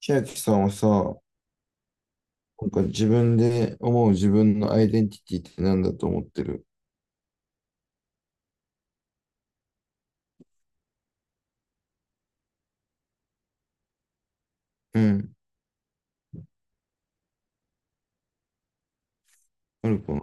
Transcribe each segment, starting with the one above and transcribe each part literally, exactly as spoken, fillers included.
千秋さんはさ、なんか自分で思う自分のアイデンティティって何だと思ってる？うん。あるかな？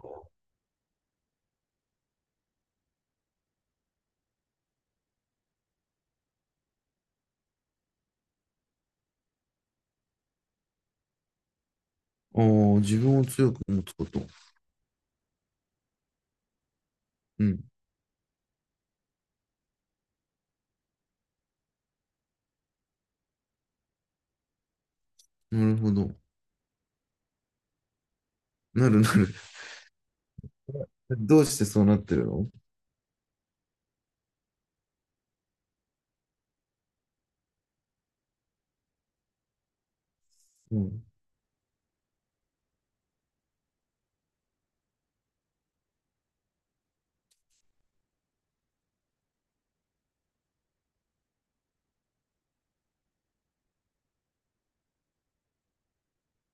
ああ、自分を強く持つこと。うん。なるほど。なるなる。どうしてそうなってるの？うん。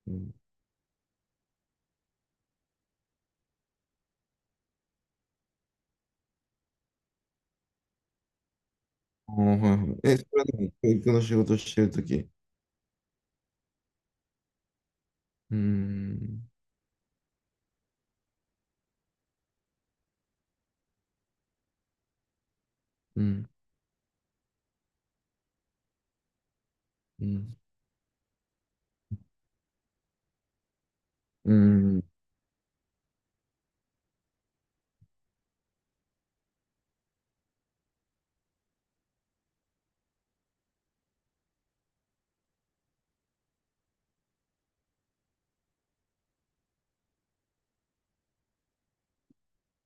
うん。ああ、はいはい。え、それはでも教育の仕事してるとき。うーん。うん。うん。うん。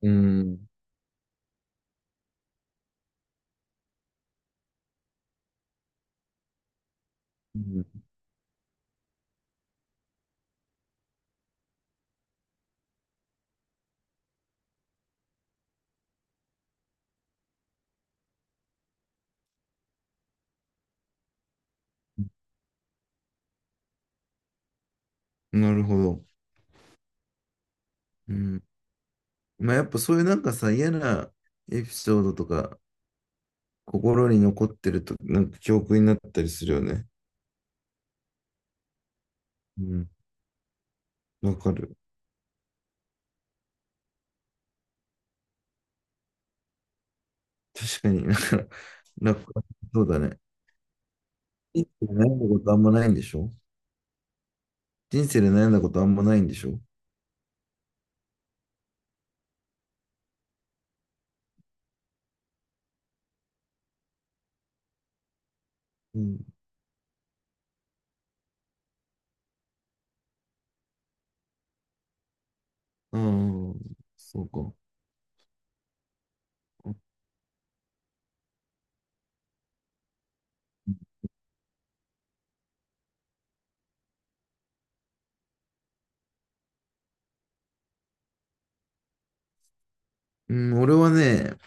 うん。うん。なるほど。うん。まあやっぱそういうなんかさ、嫌なエピソードとか、心に残ってると、なんか記憶になったりするよね。うん、わかる。確かに。 なんか、なんか、そうだね。人生で悩んだことあんまないんでしょ？人生で悩んだことあんまないんでしょ？うん。ああ、そうか。うん、俺はね、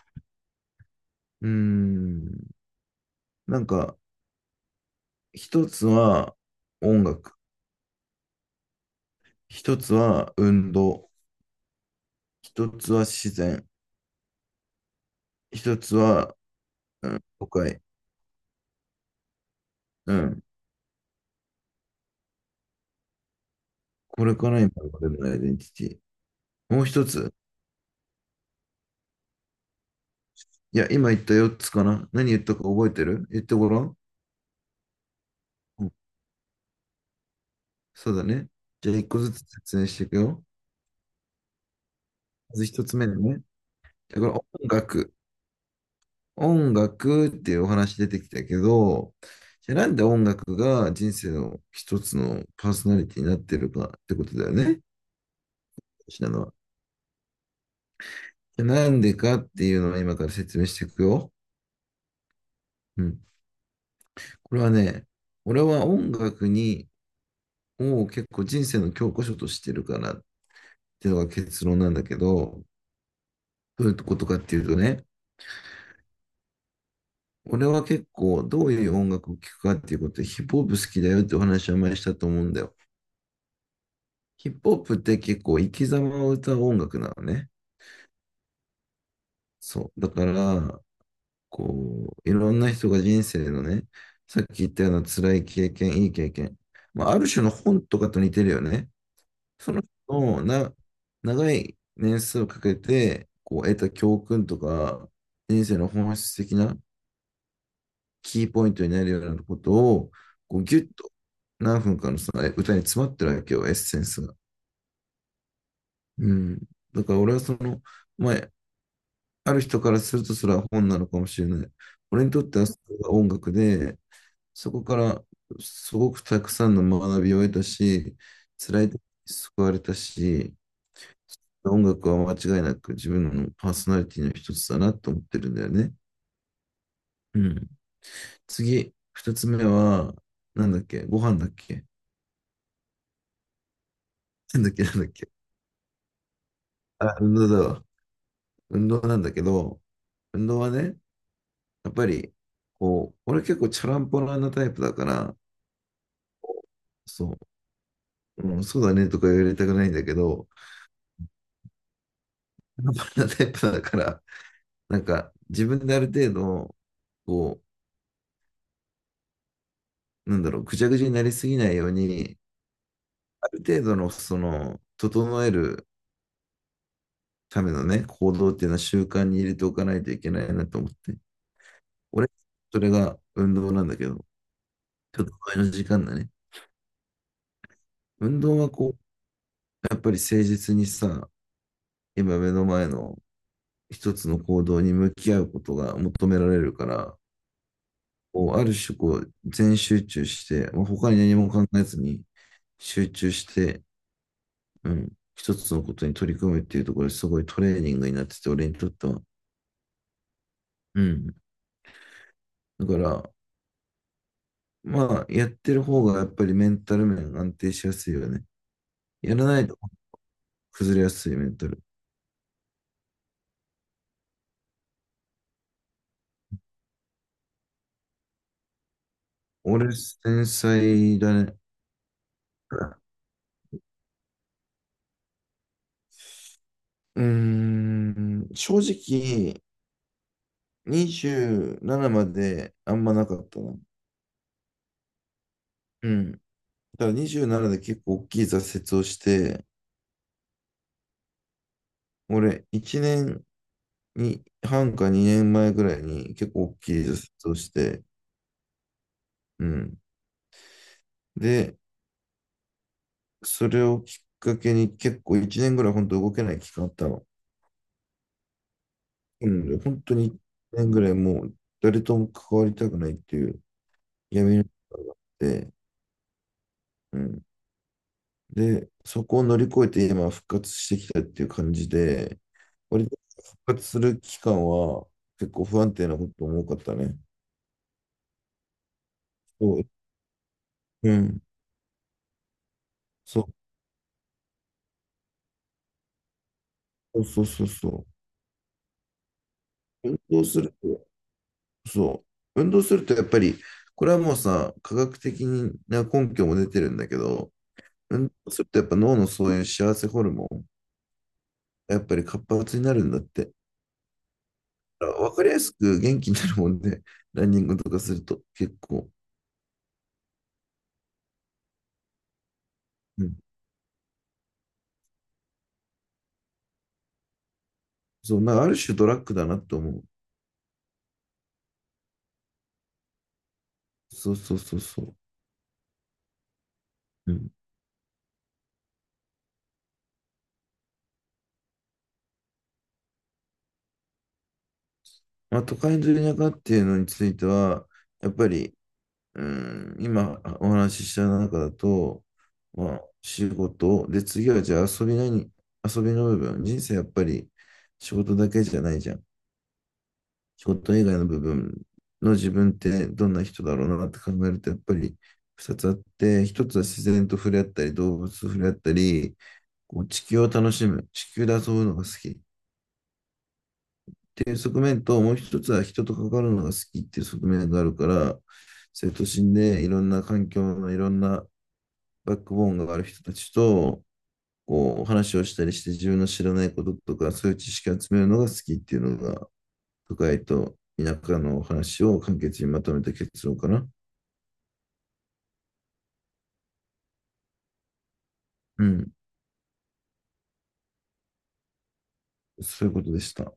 うん、なんか、一つは音楽、一つは運動、一つは自然、一つは、うん、都会、うん、これから今までのアイデンティティ。もう一つ、いや、今言ったよっつかな。何言ったか覚えてる？言ってごらん。うん、そうだね。じゃあ、いっこずつ説明していくよ。まずひとつめだね。じゃあ、これ音楽。音楽っていうお話出てきたけど、じゃあなんで音楽が人生の一つのパーソナリティになってるかってことだよね。私なのは。じゃあなんでかっていうのを今から説明していくよ。うん。これはね、俺は音楽に、を結構人生の教科書としてるかなっていうのが結論なんだけど、どういうことかっていうとね、俺は結構どういう音楽を聴くかっていうことでヒップホップ好きだよってお話を前にしたと思うんだよ。ヒップホップって結構生き様を歌う音楽なのね。そう。だから、こう、いろんな人が人生のね、さっき言ったような辛い経験、いい経験、まあ、ある種の本とかと似てるよね。その人のな、長い年数をかけてこう得た教訓とか、人生の本質的なキーポイントになるようなことを、こうギュッと何分かのさ、歌に詰まってるわけよ、エッセンスが。うん。だから俺はその、まあ、ある人からするとそれは本なのかもしれない。俺にとってはそれが音楽で、そこからすごくたくさんの学びを得たし、辛い時に救われたし、音楽は間違いなく自分のパーソナリティの一つだなと思ってるんだよね。うん。次、ふたつめは、なんだっけ？ご飯だっけ？なんだっけ、なんだっけ？あ、運動だわ。運動なんだけど、運動はね、やっぱり、こう、俺結構チャランポランなタイプだから、そう、うん、そうだねとか言われたくないんだけど、チャランポランなタイプだから、なんか自分である程度、こう、なんだろう、ぐちゃぐちゃになりすぎないように、ある程度の、その、整えるためのね、行動っていうのは習慣に入れておかないといけないなと思って。俺、それが運動なんだけど、ちょっと前の時間だね。運動はこう、やっぱり誠実にさ、今目の前の一つの行動に向き合うことが求められるから、こうある種こう全集中して、まあ、他に何も考えずに集中して、うん、一つのことに取り組むっていうところですごいトレーニングになってて、俺にとっては。うん。だから、まあ、やってる方がやっぱりメンタル面安定しやすいよね。やらないと崩れやすいメンタル。俺、繊細だね。うーん、正直、にじゅうななまであんまなかったな。うん。だからにじゅうななで結構大きい挫折をして、俺、いちねんに半かにねんまえぐらいに結構大きい挫折をして、うん。で、それをきっかけに結構いちねんぐらい本当動けない期間あったの。うん。本当にいちねんぐらいもう誰とも関わりたくないっていう闇の中があって、うん。で、そこを乗り越えて今復活してきたっていう感じで、割と復活する期間は結構不安定なことも多かったね。そう、うん。そう、そうそうそうそう。運動すると、そう。運動するとやっぱり、これはもうさ、科学的な根拠も出てるんだけど、運動するとやっぱ脳のそういう幸せホルモン、やっぱり活発になるんだって。だからわかりやすく元気になるもんで、ランニングとかすると結構。うん。そう、なんかある種ドラッグだなって思う。そうそうそうそう。うん。まあ、都会の田舎っていうのについては、やっぱり、うん、今お話しした中だと、まあ、仕事、で、次はじゃあ遊びなに？遊びの部分、人生やっぱり仕事だけじゃないじゃん。仕事以外の部分の自分ってどんな人だろうなって考えると、やっぱりふたつあって、一つは自然と触れ合ったり、動物と触れ合ったり、こう地球を楽しむ、地球で遊ぶのが好き。っていう側面と、もう一つは人と関わるのが好きっていう側面があるから、生徒心でいろんな環境のいろんなバックボーンがある人たちと、こう、話をしたりして自分の知らないこととか、そういう知識を集めるのが好きっていうのが、都会と田舎の話を簡潔にまとめた結論かな。うん、そういうことでした。